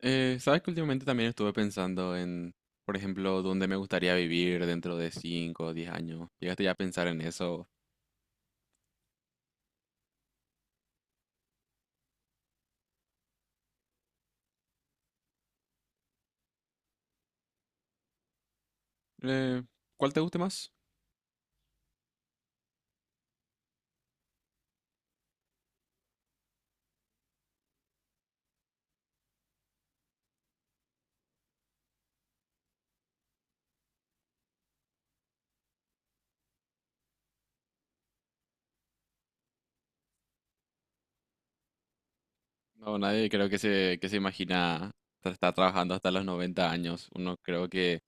Sabes que últimamente también estuve pensando en, por ejemplo, dónde me gustaría vivir dentro de 5 o 10 años. ¿Llegaste ya a pensar en eso? Eh, ¿Cuál te guste más? No, nadie creo que que se imagina estar trabajando hasta los 90 años. Uno creo que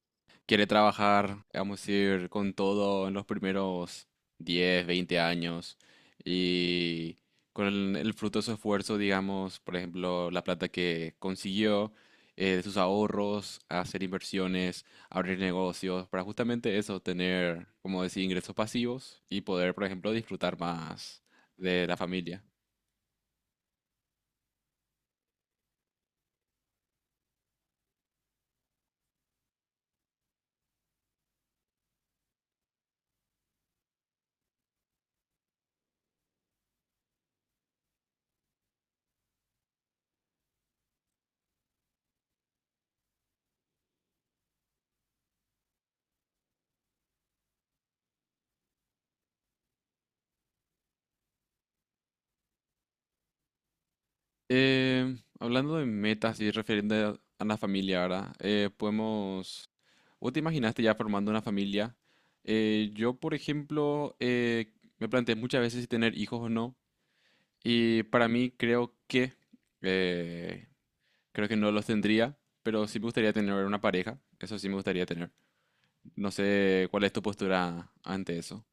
quiere trabajar, vamos a decir, con todo en los primeros 10 20 años y con el fruto de su esfuerzo, digamos, por ejemplo, la plata que consiguió, de sus ahorros, hacer inversiones, abrir negocios, para justamente eso, tener, como decir, ingresos pasivos y poder, por ejemplo, disfrutar más de la familia. Hablando de metas y refiriendo a la familia ahora, podemos ¿vos te imaginaste ya formando una familia? Yo, por ejemplo, me planteé muchas veces si tener hijos o no. Y para mí eh, creo que no los tendría, pero sí me gustaría tener una pareja. Eso sí me gustaría tener. No sé cuál es tu postura ante eso.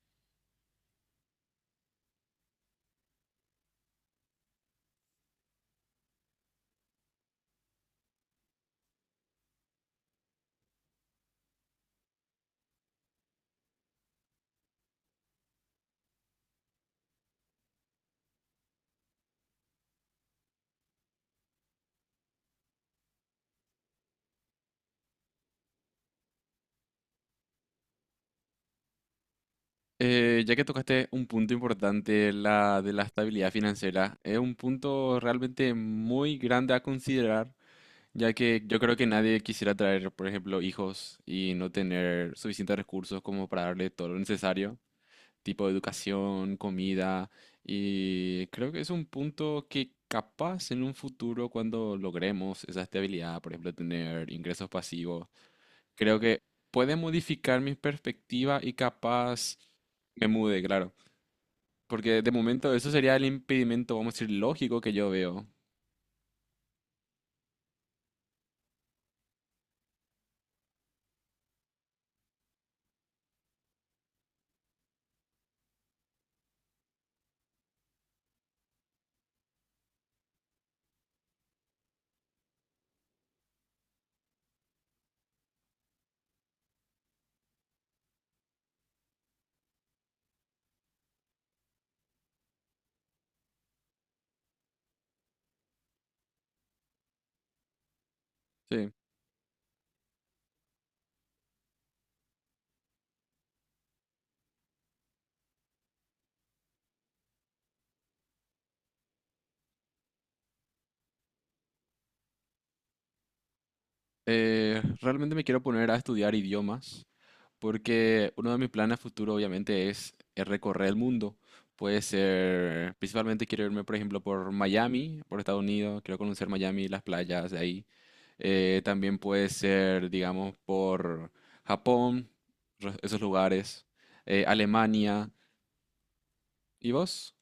Ya que tocaste un punto importante, la de la estabilidad financiera, es un punto realmente muy grande a considerar. Ya que yo creo que nadie quisiera traer, por ejemplo, hijos y no tener suficientes recursos como para darle todo lo necesario, tipo educación, comida, y creo que es un punto que capaz en un futuro cuando logremos esa estabilidad, por ejemplo, tener ingresos pasivos, creo que puede modificar mi perspectiva y capaz me mude, claro, porque de momento eso sería el impedimento, vamos a decir, lógico que yo veo. Sí. Realmente me quiero poner a estudiar idiomas, porque uno de mis planes a futuro obviamente es recorrer el mundo. Puede ser, principalmente quiero irme, por ejemplo, por Miami, por Estados Unidos, quiero conocer Miami, las playas de ahí. También puede ser, digamos, por Japón, esos lugares, Alemania. ¿Y vos?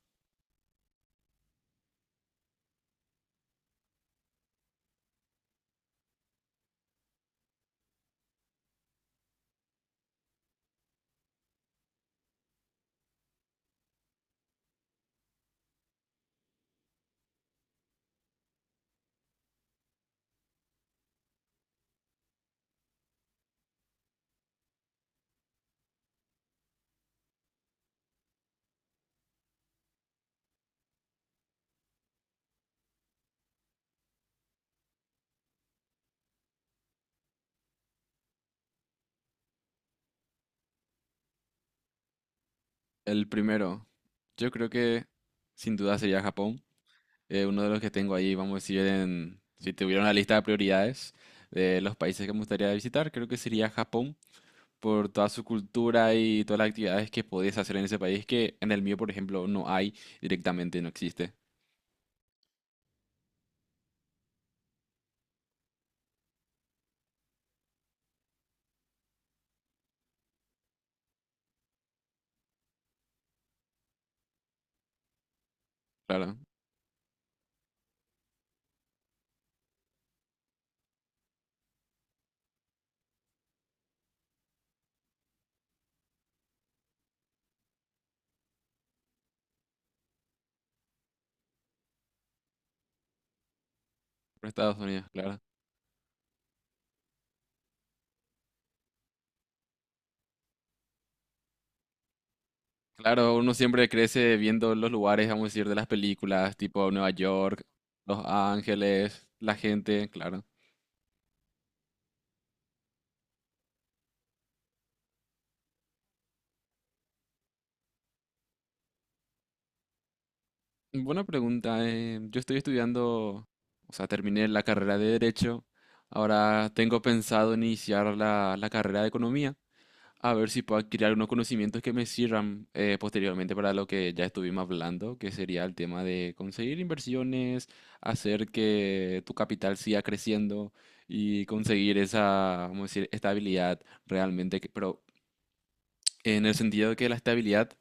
El primero. Yo creo que sin duda sería Japón. Uno de los que tengo ahí, vamos a decir, en, si tuviera una lista de prioridades de los países que me gustaría visitar, creo que sería Japón, por toda su cultura y todas las actividades que podías hacer en ese país que en el mío, por ejemplo, no hay directamente, no existe. Claro, por Estados Unidos, claro. Claro, uno siempre crece viendo los lugares, vamos a decir, de las películas, tipo Nueva York, Los Ángeles, la gente, claro. Buena pregunta. Yo estoy estudiando, o sea, terminé la carrera de Derecho. Ahora tengo pensado iniciar la carrera de Economía, a ver si puedo adquirir algunos conocimientos que me sirvan posteriormente para lo que ya estuvimos hablando, que sería el tema de conseguir inversiones, hacer que tu capital siga creciendo y conseguir esa, vamos a decir, estabilidad realmente, pero en el sentido de que la estabilidad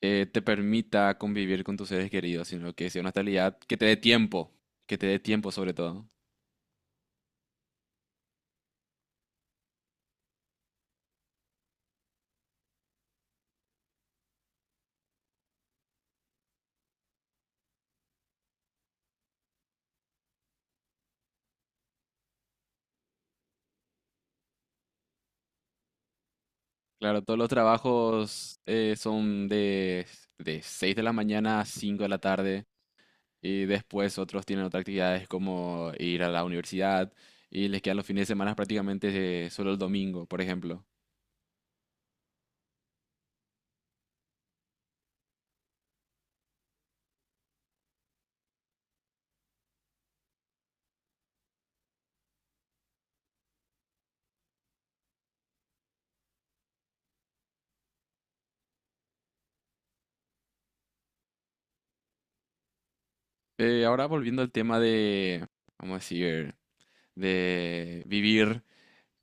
te permita convivir con tus seres queridos, sino que sea una estabilidad que te dé tiempo, que te dé tiempo sobre todo. Claro, todos los trabajos son de 6 de la mañana a 5 de la tarde. Y después otros tienen otras actividades como ir a la universidad y les quedan los fines de semana prácticamente solo el domingo, por ejemplo. Ahora volviendo al tema de, vamos a decir, de vivir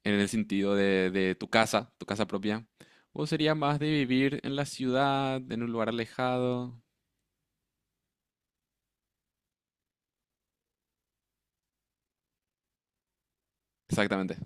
en el sentido de tu casa propia. ¿O sería más de vivir en la ciudad, en un lugar alejado? Exactamente.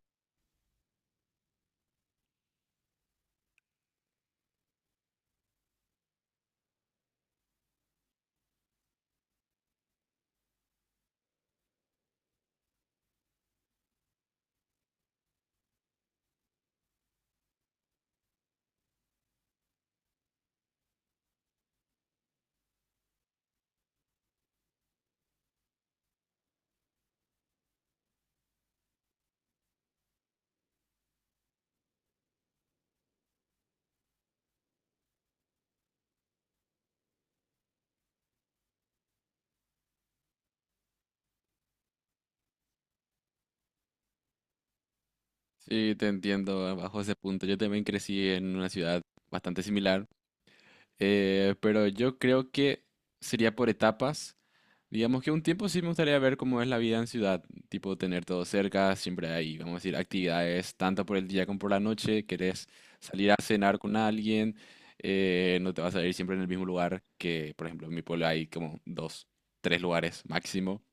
Sí, te entiendo bajo ese punto. Yo también crecí en una ciudad bastante similar. Pero yo creo que sería por etapas. Digamos que un tiempo sí me gustaría ver cómo es la vida en ciudad, tipo tener todo cerca, siempre hay, vamos a decir, actividades tanto por el día como por la noche, querés salir a cenar con alguien, no te vas a ir siempre en el mismo lugar, que por ejemplo en mi pueblo hay como dos, tres lugares máximo,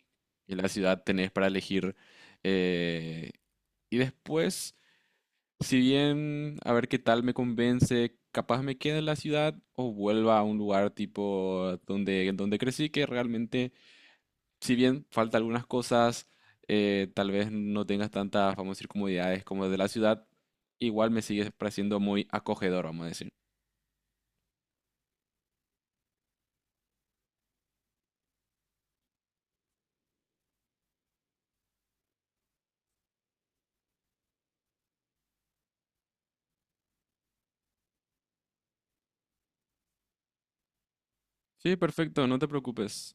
y en la ciudad tenés para elegir. eh, y después, si bien, a ver qué tal me convence, capaz me quede en la ciudad o vuelva a un lugar tipo donde, crecí, que realmente, si bien falta algunas cosas, tal vez no tengas tantas, vamos a decir, comodidades como de la ciudad, igual me sigue pareciendo muy acogedor, vamos a decir. Sí, perfecto, no te preocupes.